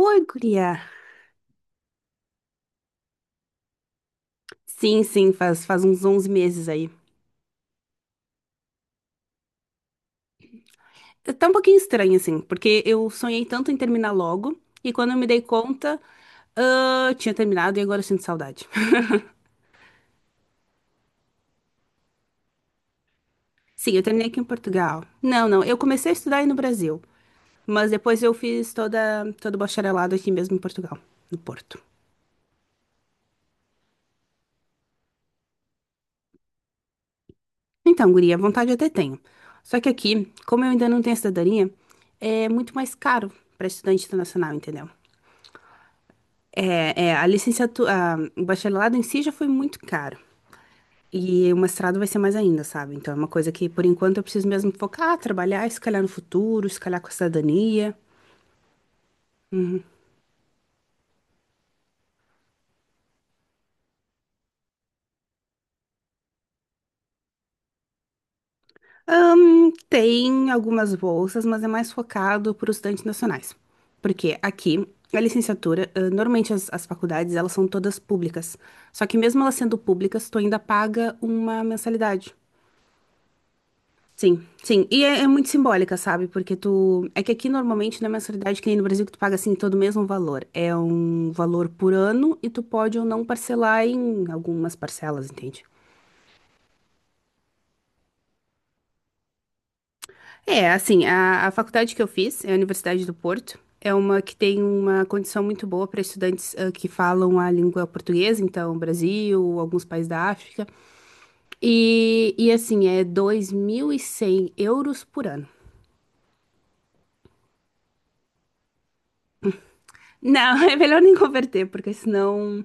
Oi, guria. Sim, sim, faz, faz uns 11 meses aí. Tá um pouquinho estranho, assim, porque eu sonhei tanto em terminar logo, e quando eu me dei conta, ah, tinha terminado e agora eu sinto saudade. Sim, eu terminei aqui em Portugal. Não, não, eu comecei a estudar aí no Brasil, mas depois eu fiz todo o bacharelado aqui mesmo em Portugal, no Porto. Então, guria, vontade eu até tenho. Só que aqui, como eu ainda não tenho cidadania, é muito mais caro para estudante internacional, entendeu? É, é, a licenciatura, o bacharelado em si já foi muito caro. E o mestrado vai ser mais ainda, sabe? Então é uma coisa que, por enquanto, eu preciso mesmo focar, trabalhar, e se calhar no futuro, se calhar com a cidadania. Tem algumas bolsas, mas é mais focado para os estudantes nacionais. Porque aqui, a licenciatura, ah, normalmente as faculdades, elas são todas públicas. Só que mesmo elas sendo públicas, tu ainda paga uma mensalidade. Sim, sim. E é, é muito simbólica, sabe? Porque tu. É que aqui normalmente não é mensalidade que nem no Brasil que tu paga assim todo o mesmo valor. É um valor por ano e tu pode ou não parcelar em algumas parcelas, entende? É, assim, a faculdade que eu fiz é a Universidade do Porto. É uma que tem uma condição muito boa para estudantes ah, que falam a língua portuguesa, então Brasil, alguns países da África. E assim, é 2100 euros por ano. Não, é melhor nem converter, porque senão.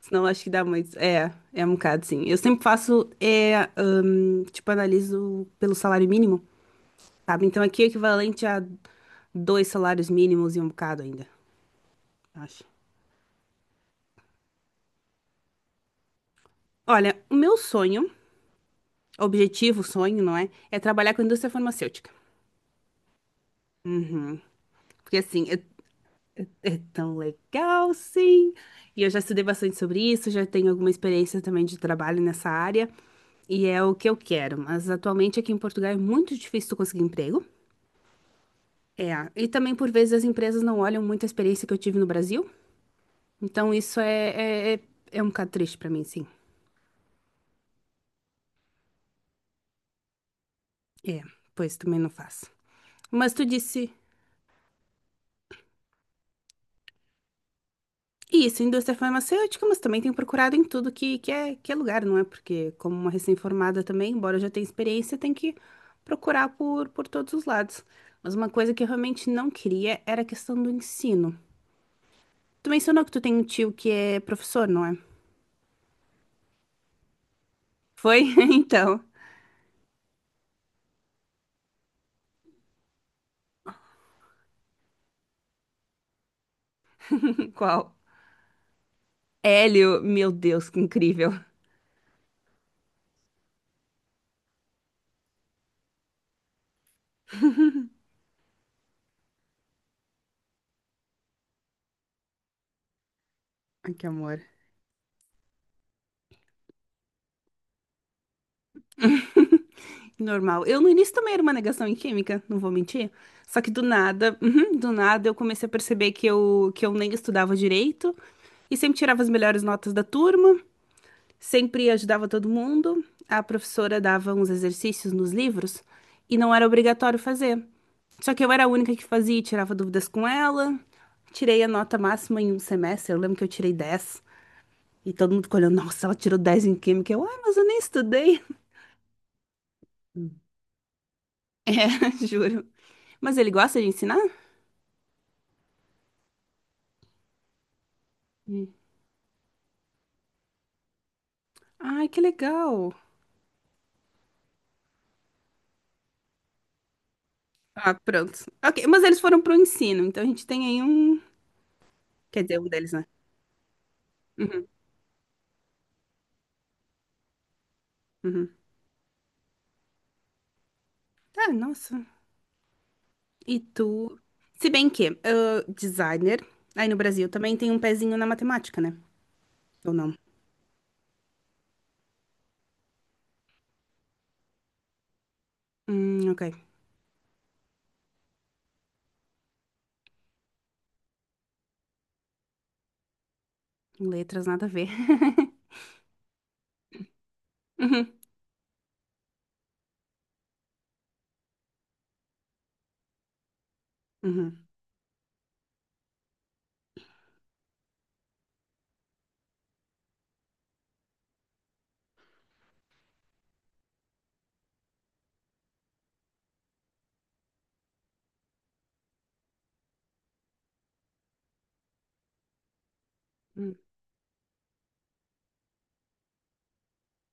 Senão acho que dá muito. É, é um bocado, sim. Eu sempre faço, é, tipo, analiso pelo salário mínimo, sabe? Então aqui é equivalente a dois salários mínimos e um bocado ainda, acho. Olha, o meu sonho, objetivo, sonho, não é? É trabalhar com a indústria farmacêutica. Uhum. Porque assim, é, é tão legal, sim. E eu já estudei bastante sobre isso, já tenho alguma experiência também de trabalho nessa área. E é o que eu quero. Mas atualmente aqui em Portugal é muito difícil tu conseguir emprego. É, e também por vezes as empresas não olham muito a experiência que eu tive no Brasil, então isso é é um bocado triste pra mim, sim. É, pois também não faço. Mas tu disse isso, indústria farmacêutica, mas também tenho procurado em tudo que, que é lugar, não é? Porque como uma recém-formada também, embora eu já tenha experiência, tem que procurar por todos os lados. Mas uma coisa que eu realmente não queria era a questão do ensino. Tu mencionou que tu tem um tio que é professor, não é? Foi? Então, qual? Hélio, meu Deus, que incrível. Ai, que amor. Normal. Eu no início também era uma negação em química, não vou mentir. Só que do nada, uhum, do nada eu comecei a perceber que eu nem estudava direito e sempre tirava as melhores notas da turma, sempre ajudava todo mundo. A professora dava uns exercícios nos livros e não era obrigatório fazer. Só que eu era a única que fazia e tirava dúvidas com ela. Tirei a nota máxima em um semestre, eu lembro que eu tirei dez. E todo mundo ficou olhando, nossa, ela tirou 10 em química. Eu, ah, mas eu nem estudei. É, juro. Mas ele gosta de ensinar? Ai, que legal. Ah, pronto. Ok, mas eles foram pro ensino, então a gente tem aí um. Quer dizer, um deles, né? Uhum. Tá, nossa. E tu? Se bem que, ah, designer, aí no Brasil também tem um pezinho na matemática, né? Ou não? Ok. Letras, nada a ver. Uhum, uhum, uhum.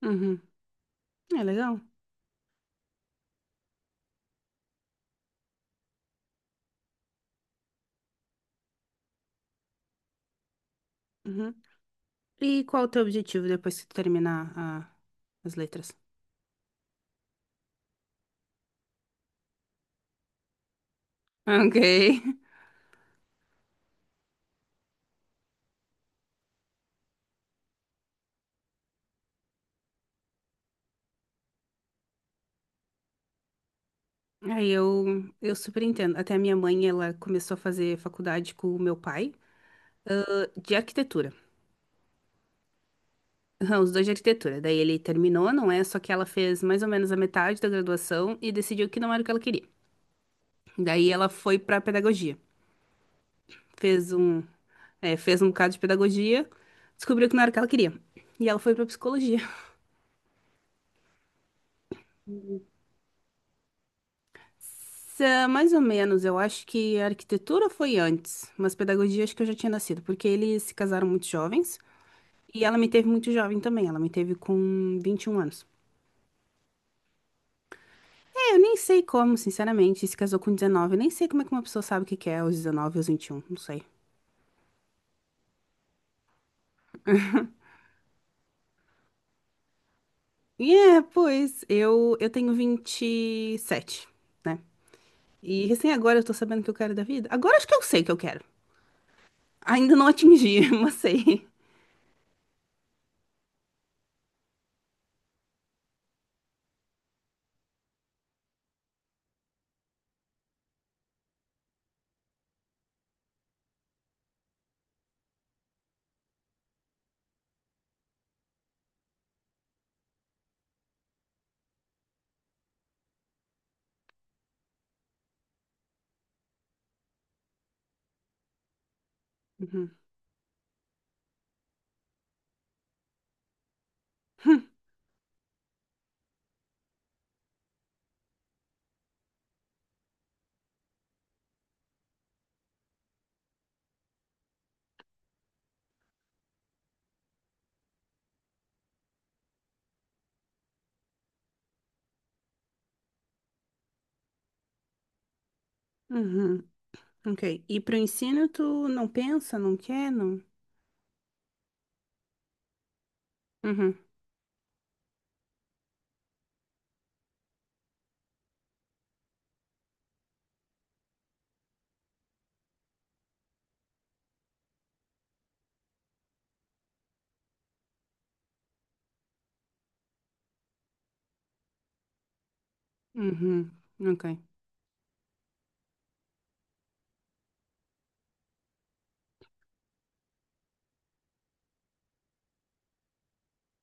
Uhum. É legal. Uhum. E qual o teu objetivo depois que tu terminar a- as letras? Ok. Aí eu super entendo. Até a minha mãe, ela começou a fazer faculdade com o meu pai, ah, de arquitetura. Aham, os dois de arquitetura. Daí ele terminou, não é? Só que ela fez mais ou menos a metade da graduação e decidiu que não era o que ela queria. Daí ela foi pra pedagogia. Fez um, é, fez um bocado de pedagogia, descobriu que não era o que ela queria. E ela foi pra psicologia. Sa- Mais ou menos, eu acho que a arquitetura foi antes, mas pedagogia acho que eu já tinha nascido, porque eles se casaram muito jovens. E ela me teve muito jovem também, ela me teve com 21 anos. É, eu nem sei como, sinceramente, se casou com 19, eu nem sei como é que uma pessoa sabe o que que é aos 19, aos 21. Não sei. E é, pois, eu tenho 27, né? E recém agora eu tô sabendo o que eu quero da vida. Agora acho que eu sei o que eu quero. Ainda não atingi, mas sei. Uhum. Hum. Uhum. Ok. E pro ensino tu não pensa, não quer, não? Uhum. Uhum. Ok.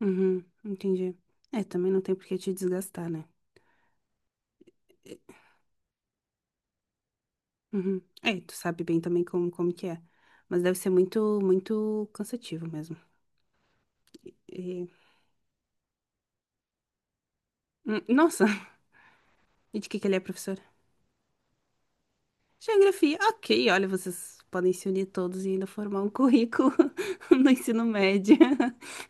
Uhum. Entendi. É, também não tem por que te desgastar, né? Uhum. É, tu sabe bem também como, como que é. Mas deve ser muito, muito cansativo mesmo. E- nossa, e de que ele é professor? Geografia. Ok, olha, vocês podem se unir todos e ainda formar um currículo no ensino médio.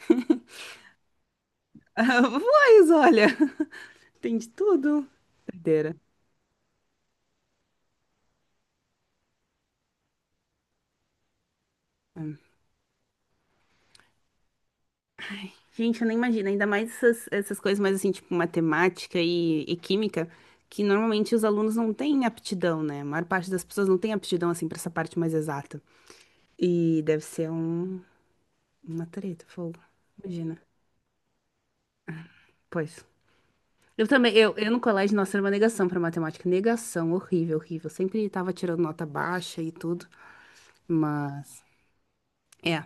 Ah, pois, olha, tem de tudo. Doideira. Gente, eu nem imagino, ainda mais essas, essas coisas mais assim, tipo matemática e química, que normalmente os alunos não têm aptidão, né? A maior parte das pessoas não tem aptidão assim para essa parte mais exata. E deve ser um, uma treta, fogo. Imagina. Pois. Eu também, eu no colégio, nossa, era uma negação pra matemática. Negação, horrível, horrível. Sempre tava tirando nota baixa e tudo. Mas. É.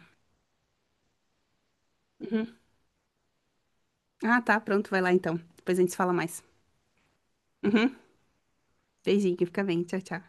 Uhum. Ah, tá, pronto, vai lá então. Depois a gente se fala mais. Uhum. Beijinho, fica bem. Tchau, tchau.